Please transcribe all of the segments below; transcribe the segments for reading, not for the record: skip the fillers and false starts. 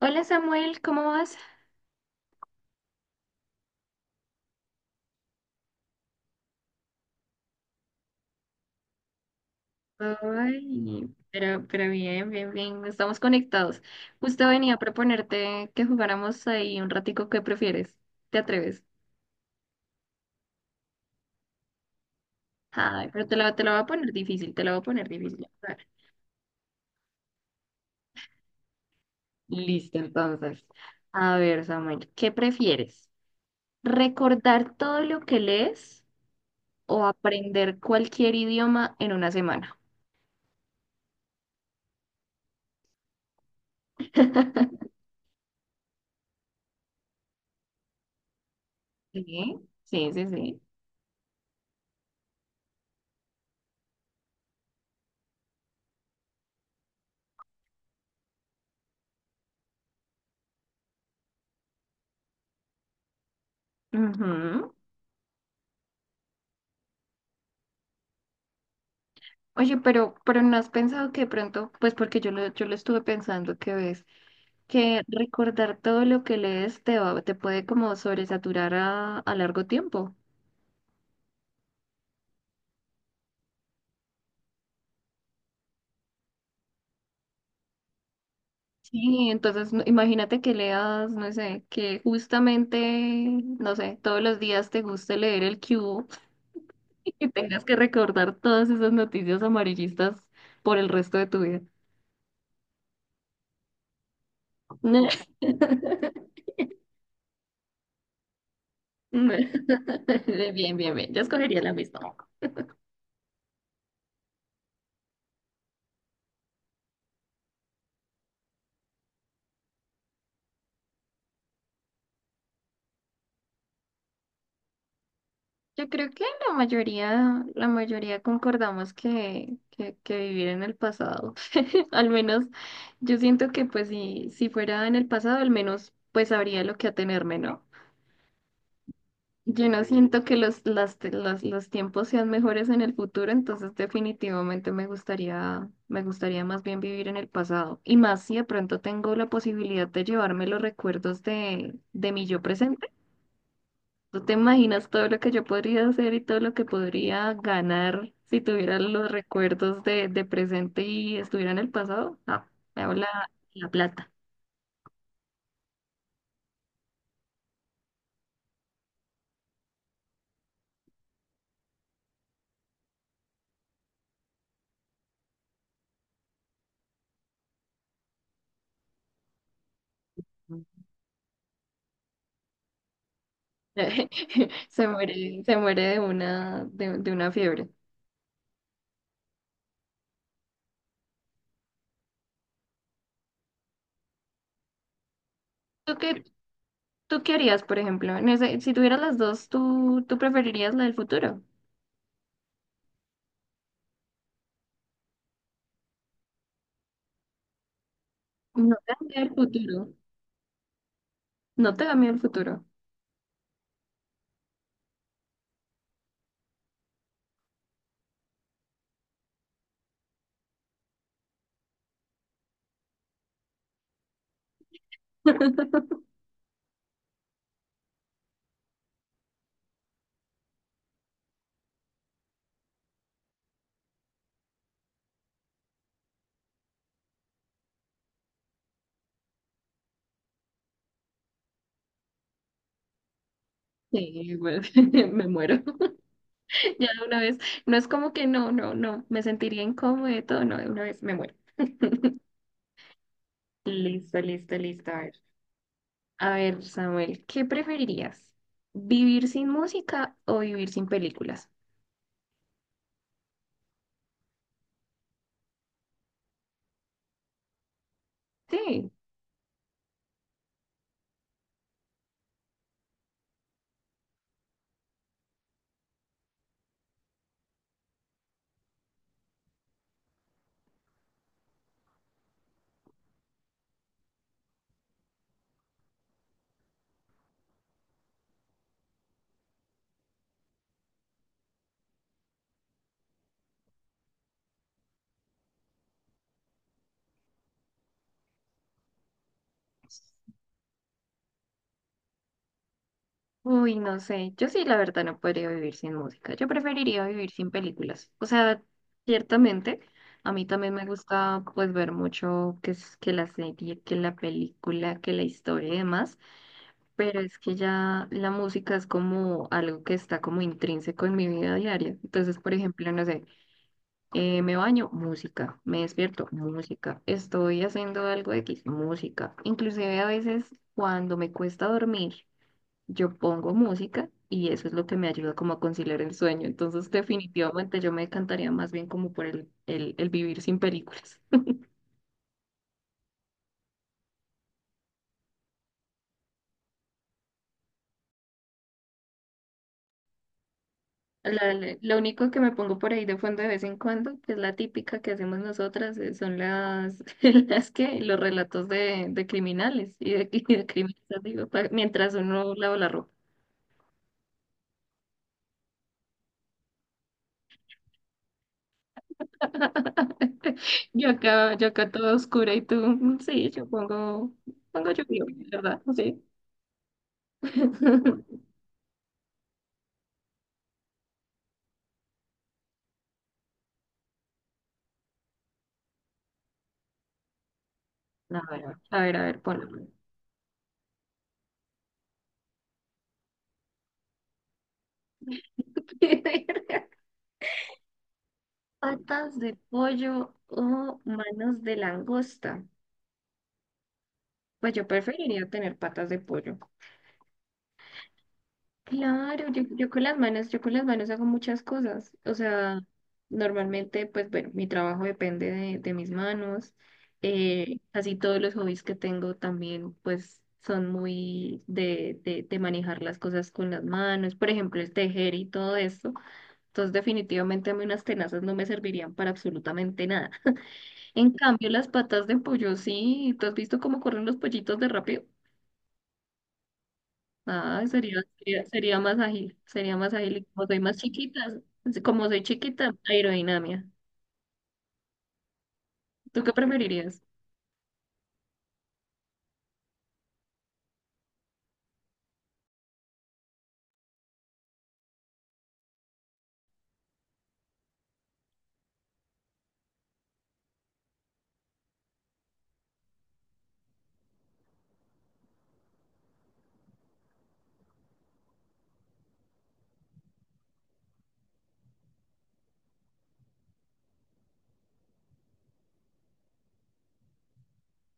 Hola Samuel, ¿cómo vas? Ay, pero bien, bien, bien, estamos conectados. Justo venía a proponerte que jugáramos ahí un ratico, ¿qué prefieres? ¿Te atreves? Ay, pero te la voy a poner difícil, te la voy a poner difícil. A ver. Listo, entonces. A ver, Samuel, ¿qué prefieres? ¿Recordar todo lo que lees o aprender cualquier idioma en una semana? Sí, sí, sí, sí. Ujú. Oye, pero no has pensado que de pronto, pues porque yo lo estuve pensando que ves, que recordar todo lo que lees te puede como sobresaturar a largo tiempo. Sí, entonces imagínate que leas, no sé, que justamente, no sé, todos los días te guste leer el cubo y que tengas que recordar todas esas noticias amarillistas por el resto de tu vida. No. Bien, bien, bien, yo escogería la misma. Yo creo que la mayoría concordamos que, que vivir en el pasado. Al menos yo siento que pues si, si fuera en el pasado, al menos pues sabría lo que atenerme, ¿no? Yo no siento que los, los tiempos sean mejores en el futuro, entonces definitivamente me gustaría más bien vivir en el pasado. Y más si de pronto tengo la posibilidad de llevarme los recuerdos de mi yo presente. ¿Tú te imaginas todo lo que yo podría hacer y todo lo que podría ganar si tuviera los recuerdos de presente y estuviera en el pasado? No, me hago la plata. Se muere de una fiebre. ¿Tú qué, tú qué harías, por ejemplo? Si tuvieras las dos, ¿tú, tú preferirías la del futuro? No te da miedo el futuro. No te da miedo el futuro. Sí, pues, me muero. Ya de una vez, no es como que no, no, no, me sentiría incómodo y todo, no, de una vez me muero. Listo, listo, listo. A ver, Samuel, ¿qué preferirías? ¿Vivir sin música o vivir sin películas? Sí, uy, no sé, yo sí, la verdad, no podría vivir sin música. Yo preferiría vivir sin películas. O sea, ciertamente, a mí también me gusta, pues, ver mucho que, que la serie, que la película, que la historia y demás. Pero es que ya la música es como algo que está como intrínseco en mi vida diaria. Entonces, por ejemplo, no sé, me baño, música, me despierto, música, estoy haciendo algo X, música. Inclusive a veces cuando me cuesta dormir, yo pongo música y eso es lo que me ayuda como a conciliar el sueño. Entonces, definitivamente yo me decantaría más bien como por el vivir sin películas. Lo único que me pongo por ahí de fondo de vez en cuando, que es la típica que hacemos nosotras, son las, las que, los relatos de criminales y de crímenes, digo, mientras uno lava la ropa. Yo acá toda oscura y tú, sí, yo pongo, pongo yo ¿verdad? Sí. A ver, a ver, a ver, ponlo. Patas de pollo o manos de langosta. Pues yo preferiría tener patas de pollo. Claro, yo con las manos, yo con las manos hago muchas cosas. O sea, normalmente, pues bueno, mi trabajo depende de mis manos. Así todos los hobbies que tengo también, pues son muy de, de manejar las cosas con las manos. Por ejemplo, el tejer y todo esto. Entonces, definitivamente a mí unas tenazas no me servirían para absolutamente nada. En cambio, las patas de pollo, sí. ¿Tú has visto cómo corren los pollitos de rápido? Ah, sería, sería, sería más ágil, sería más ágil. Y como soy más chiquita, como soy chiquita, aerodinámica. ¿Tú qué preferirías?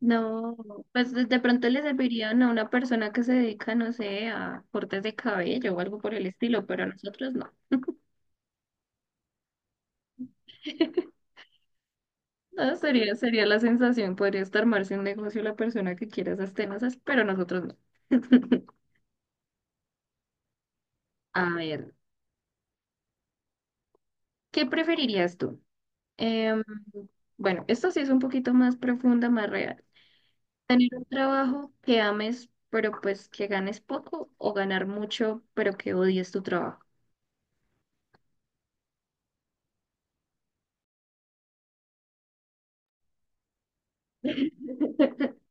No, pues de pronto le servirían a una persona que se dedica, no sé, a cortes de cabello o algo por el estilo, pero a nosotros no. No, sería, sería la sensación, podrías armarse un negocio la persona que quiera esas tenazas, pero nosotros no. A ver, ¿qué preferirías tú? Em, bueno, esto sí es un poquito más profunda, más real. Tener un trabajo que ames, pero pues que ganes poco o ganar mucho, pero que odies tu trabajo.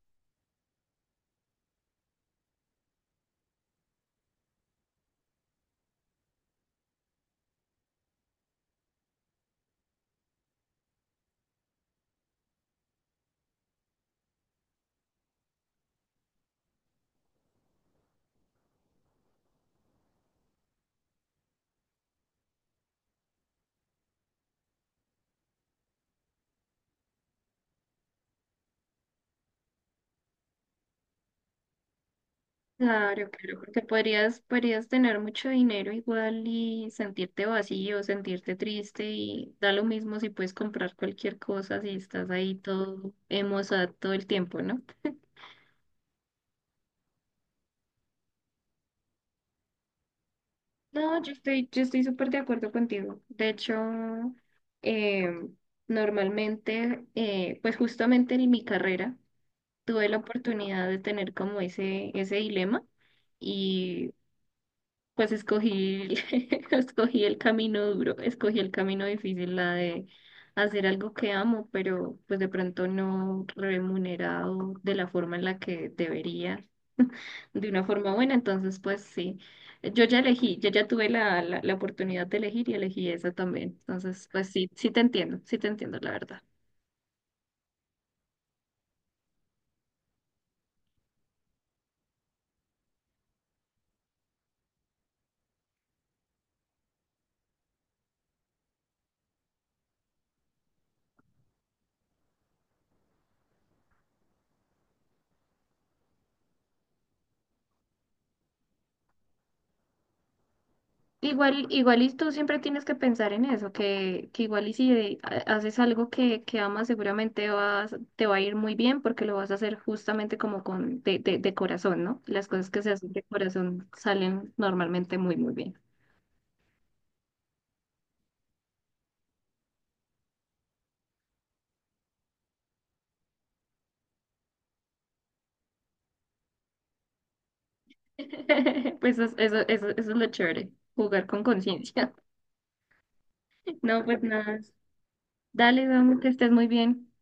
Claro, claro, porque podrías, podrías tener mucho dinero igual y sentirte vacío, sentirte triste y da lo mismo si puedes comprar cualquier cosa, si estás ahí todo emocionado todo el tiempo, ¿no? No, yo estoy súper de acuerdo contigo. De hecho, eh, normalmente, pues justamente en mi carrera, tuve la oportunidad de tener como ese dilema y pues escogí, escogí el camino duro, escogí el camino difícil, la de hacer algo que amo, pero pues de pronto no remunerado de la forma en la que debería, de una forma buena. Entonces, pues sí, yo ya elegí, yo ya tuve la oportunidad de elegir y elegí esa también. Entonces, pues sí, sí te entiendo, la verdad. Igual, igual y tú siempre tienes que pensar en eso, que igual y si haces algo que amas, seguramente vas, te va a ir muy bien porque lo vas a hacer justamente como con de, de corazón, ¿no? Las cosas que se hacen de corazón salen normalmente muy, muy bien. Pues eso es lo chévere, jugar con conciencia. No, pues nada. Dale, Don, que estés muy bien.